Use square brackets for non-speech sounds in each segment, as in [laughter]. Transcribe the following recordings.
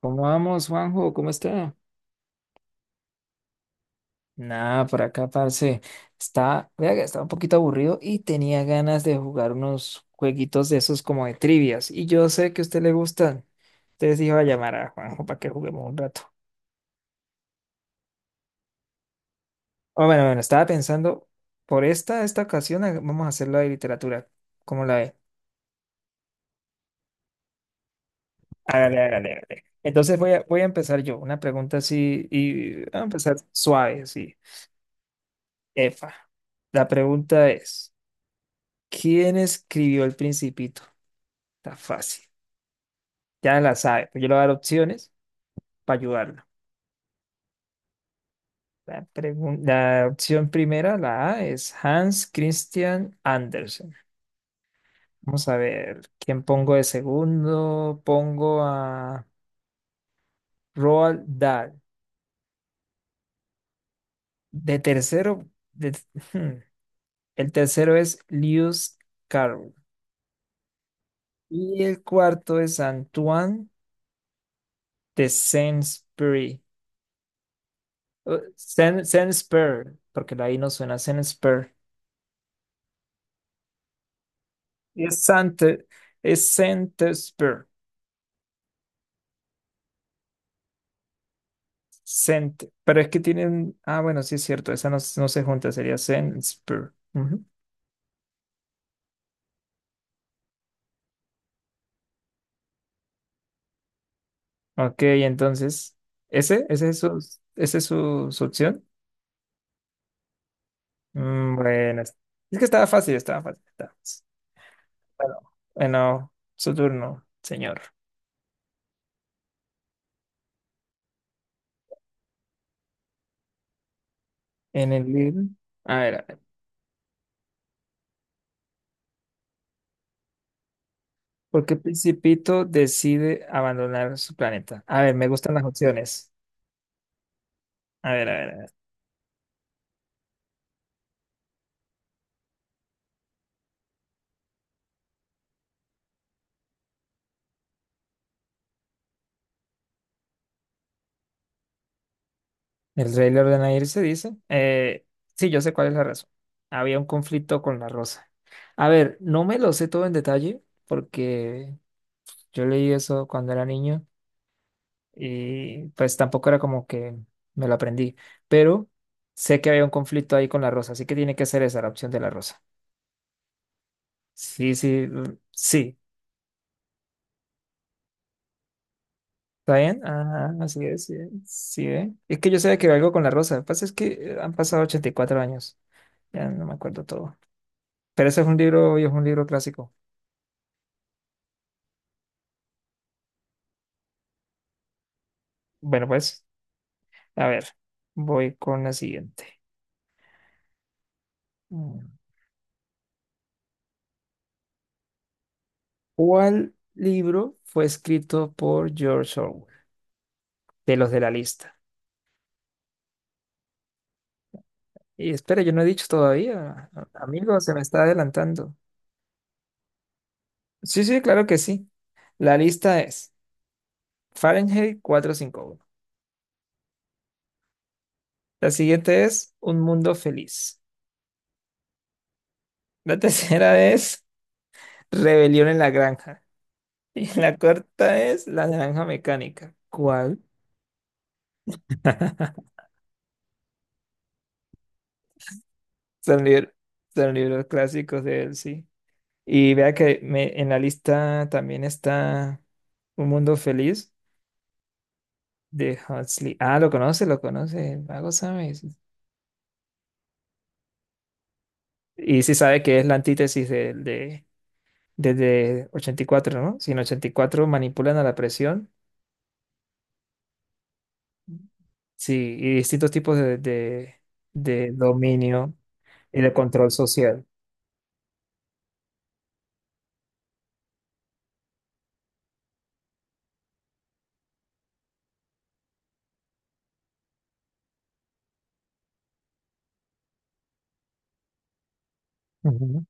¿Cómo vamos, Juanjo? ¿Cómo está? Nada, por acá, parce. Está, vea que estaba un poquito aburrido y tenía ganas de jugar unos jueguitos de esos como de trivias. Y yo sé que a usted le gustan. Entonces dije, voy a llamar a Juanjo para que juguemos un rato. Oh, bueno, bueno, estaba pensando, por esta ocasión vamos a hacerlo de literatura. ¿Cómo la ve? Hágale, hágale, hágale. Entonces voy a empezar yo. Una pregunta así, y voy a empezar suave, así. Efa. La pregunta es: ¿quién escribió El Principito? Está fácil. Ya la sabe. Pues yo le voy a dar opciones para ayudarla. La opción primera, la A, es Hans Christian Andersen. Vamos a ver, ¿quién pongo de segundo? Pongo a Roald Dahl. De tercero, [laughs] el tercero es Lewis Carroll. Y el cuarto es Antoine de Saint-Exupéry. Saint-Exupéry, porque la I no suena Saint-Exupéry. Es Sant, es Sentesper. Sent, pero es que tienen. Ah, bueno, sí es cierto, esa no, no se junta, sería Sentesper. Ujú. Ok, entonces, ¿ese? ¿Ese es su, ese es su opción? Mm, bueno, es que estaba fácil, estaba fácil, estaba fácil. Bueno, bueno, su turno, señor. En el libro. A ver, a ver. ¿Por qué Principito decide abandonar su planeta? A ver, me gustan las opciones. A ver, a ver, a ver. El rey le ordena irse, dice. Sí, yo sé cuál es la razón. Había un conflicto con la rosa. A ver, no me lo sé todo en detalle porque yo leí eso cuando era niño y pues tampoco era como que me lo aprendí, pero sé que había un conflicto ahí con la rosa, así que tiene que ser esa la opción de la rosa. Sí, sí, mm, sí. ¿Está bien? Ah, así es, sí, sí, ¿eh? Es que yo sé que había algo con la rosa. Lo que pasa es que han pasado 84 años. Ya no me acuerdo todo. Pero ese es un libro, y es un libro clásico. Bueno, pues, a ver, voy con la siguiente. Mm. ¿Cuál libro fue escrito por George Orwell? De los de la lista. Y espera, yo no he dicho todavía. Amigo, se me está adelantando. Sí, sí, claro que sí. La lista es Fahrenheit 451. La siguiente es Un Mundo Feliz. La [laughs] tercera es Rebelión en la Granja. [laughs] Y la cuarta es La Naranja Mecánica. ¿Cuál? [laughs] Son libros, son libros clásicos de él, sí. Y vea que me, en la lista también está Un Mundo Feliz de Huxley. Ah, lo conoce, el vago sabe. Sí, sí. Y sí sabe que es la antítesis desde 84, ¿no? Si en 84 manipulan a la presión, sí, y distintos tipos de dominio y de control social. Ujú.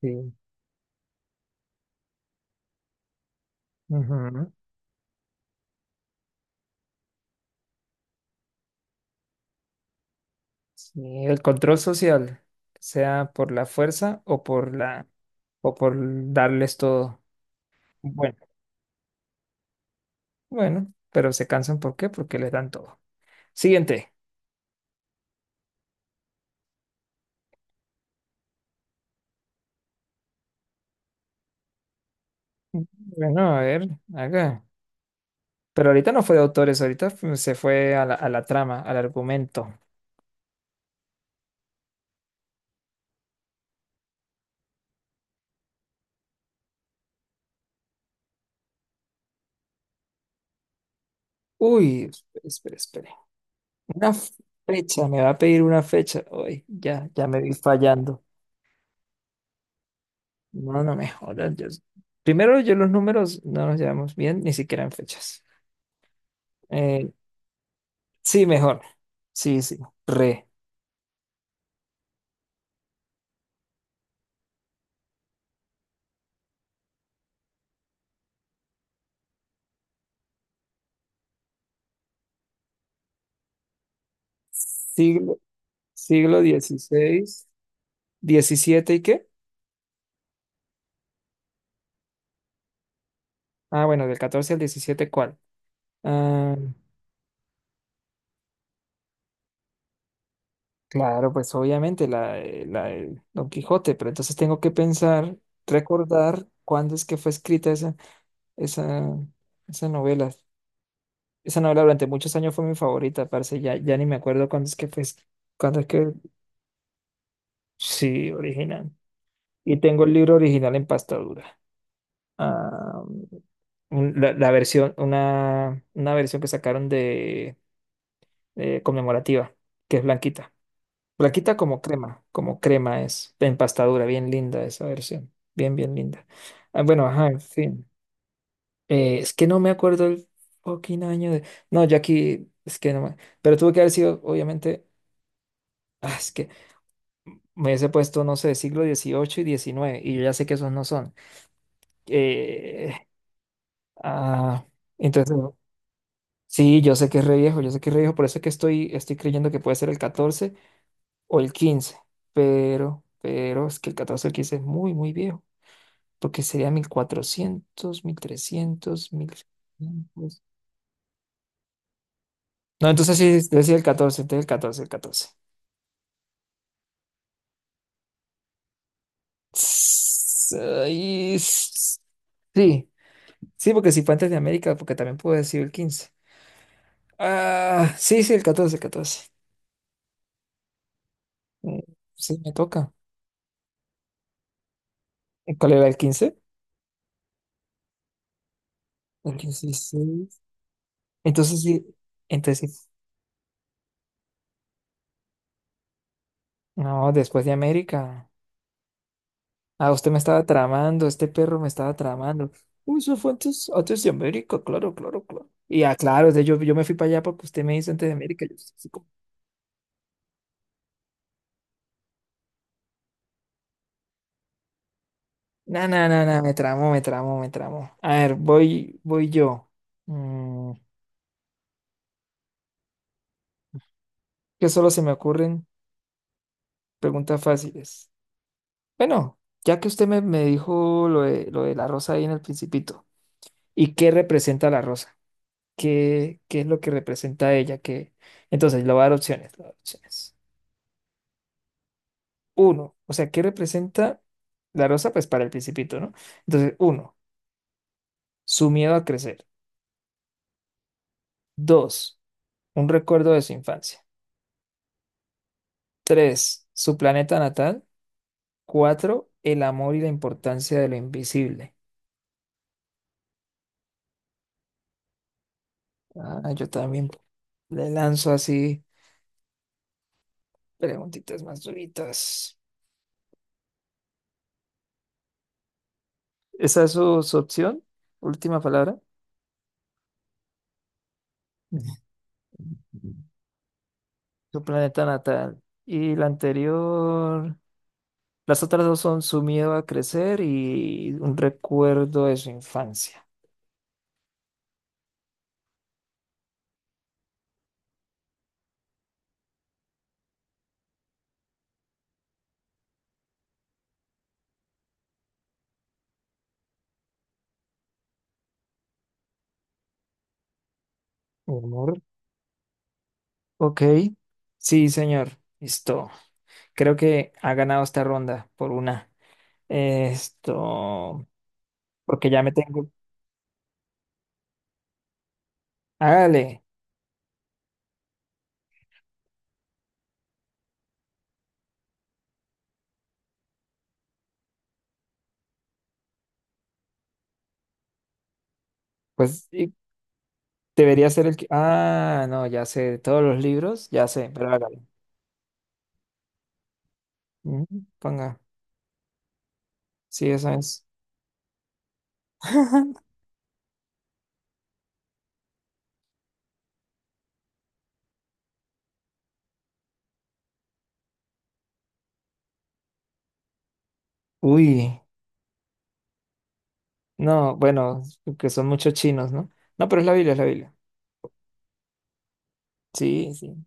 Sí. Ujú. Sí, el control social, sea por la fuerza o por la, o por darles todo. Bueno, bueno, pero se cansan ¿por qué? Porque les dan todo. Siguiente. Bueno, a ver, acá. Pero ahorita no fue de autores, ahorita se fue a la trama, al argumento. Uy, espere, espere, espere. Una fecha, me va a pedir una fecha. Uy, ya, ya me vi fallando. No, no me jodas. Primero, yo los números no nos llevamos bien, ni siquiera en fechas. Eh, sí, mejor. Sí, sí. Re. Siglo, siglo dieciséis, diecisiete ¿y qué? Ah, bueno, del 14 al 17, ¿cuál? Ah, claro, pues obviamente la, la del Don Quijote, pero entonces tengo que pensar, recordar cuándo es que fue escrita esa, esa novela. Esa novela durante muchos años fue mi favorita, parce, ya, ya ni me acuerdo cuándo es que fue, cuándo es que, sí, original. Y tengo el libro original en pasta dura. Ah, la, la versión, una versión que sacaron de conmemorativa, que es blanquita. Flaquita como crema es, de empastadura, bien linda esa versión, bien, bien linda. Ah, bueno, ajá, en fin. Es que no me acuerdo el fucking año de... No, Jackie, es que no me... Pero tuvo que haber sido, obviamente, ah, es que me hubiese puesto, no sé, siglo dieciocho y diecinueve y yo ya sé que esos no son. Eh, ah, entonces, sí, yo sé que es re viejo, yo sé que es re viejo, por eso es que estoy, estoy creyendo que puede ser el 14 o el 15, pero es que el 14 o el 15 es muy, muy viejo, porque sería 1400, 1300, 1500. No, entonces sí, es decir el 14 entonces el 14 el catorce. Tss, ay, s- sí, sí, porque si fue antes de América, porque también puedo decir el quince. Ah, sí, sí, el 14 el catorce. Mm, sí, me toca. ¿Y ¿cuál era el quince? El 16. Entonces sí, entonces sí. No, después de América. Ah, usted me estaba tramando, este perro me estaba tramando. Uy, eso fue antes, antes de América, claro, claro, claro. Y ah, claro, o sea, yo me fui para allá porque usted me hizo antes de América. Yo, así como, no, no, no, no, me tramó, me tramó, me tramó. A ver, voy yo. Mm, que solo se me ocurren preguntas fáciles. Bueno, ya que usted me dijo lo de la rosa ahí en el principito, ¿y qué representa la rosa? ¿Qué, qué es lo que representa ella? ¿Qué? Entonces, le voy a dar opciones, le voy a dar opciones. Uno, o sea, ¿qué representa la rosa? Pues para el principito, ¿no? Entonces, uno, su miedo a crecer. Dos, un recuerdo de su infancia. Tres, su planeta natal. Cuatro, el amor y la importancia de lo invisible. Ah, yo también le lanzo así preguntitas más duritas. ¿Esa es su, su opción? Última palabra. [laughs] Ujú. Su planeta natal. Y la anterior. Las otras dos son su miedo a crecer y un recuerdo de su infancia. Humor. Ok. Sí, señor. Listo. Creo que ha ganado esta ronda por una. Esto, porque ya me tengo. Hágale. Pues y debería ser el que. Ah, no, ya sé. De todos los libros, ya sé, pero hágale. Mm, ponga. Sí, eso es. [laughs] Uy. No, bueno, que son muchos chinos, ¿no? No, pero es la Biblia, es la Biblia. Sí, sí.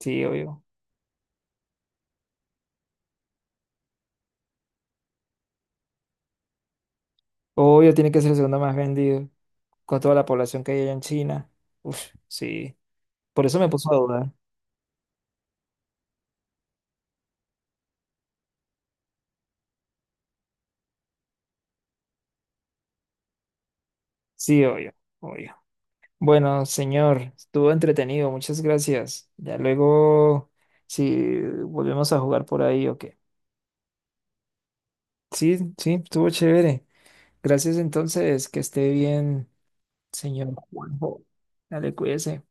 Sí, obvio. Obvio, tiene que ser el segundo más vendido con toda la población que hay allá en China. Uf, sí. Por eso me puso a dudar. Sí, obvio, obvio. Bueno, señor, estuvo entretenido. Muchas gracias. Ya luego, si volvemos a jugar por ahí o qué. Sí, sí, estuvo chévere. Gracias entonces. Que esté bien, señor Juanjo. Dale, cuídese.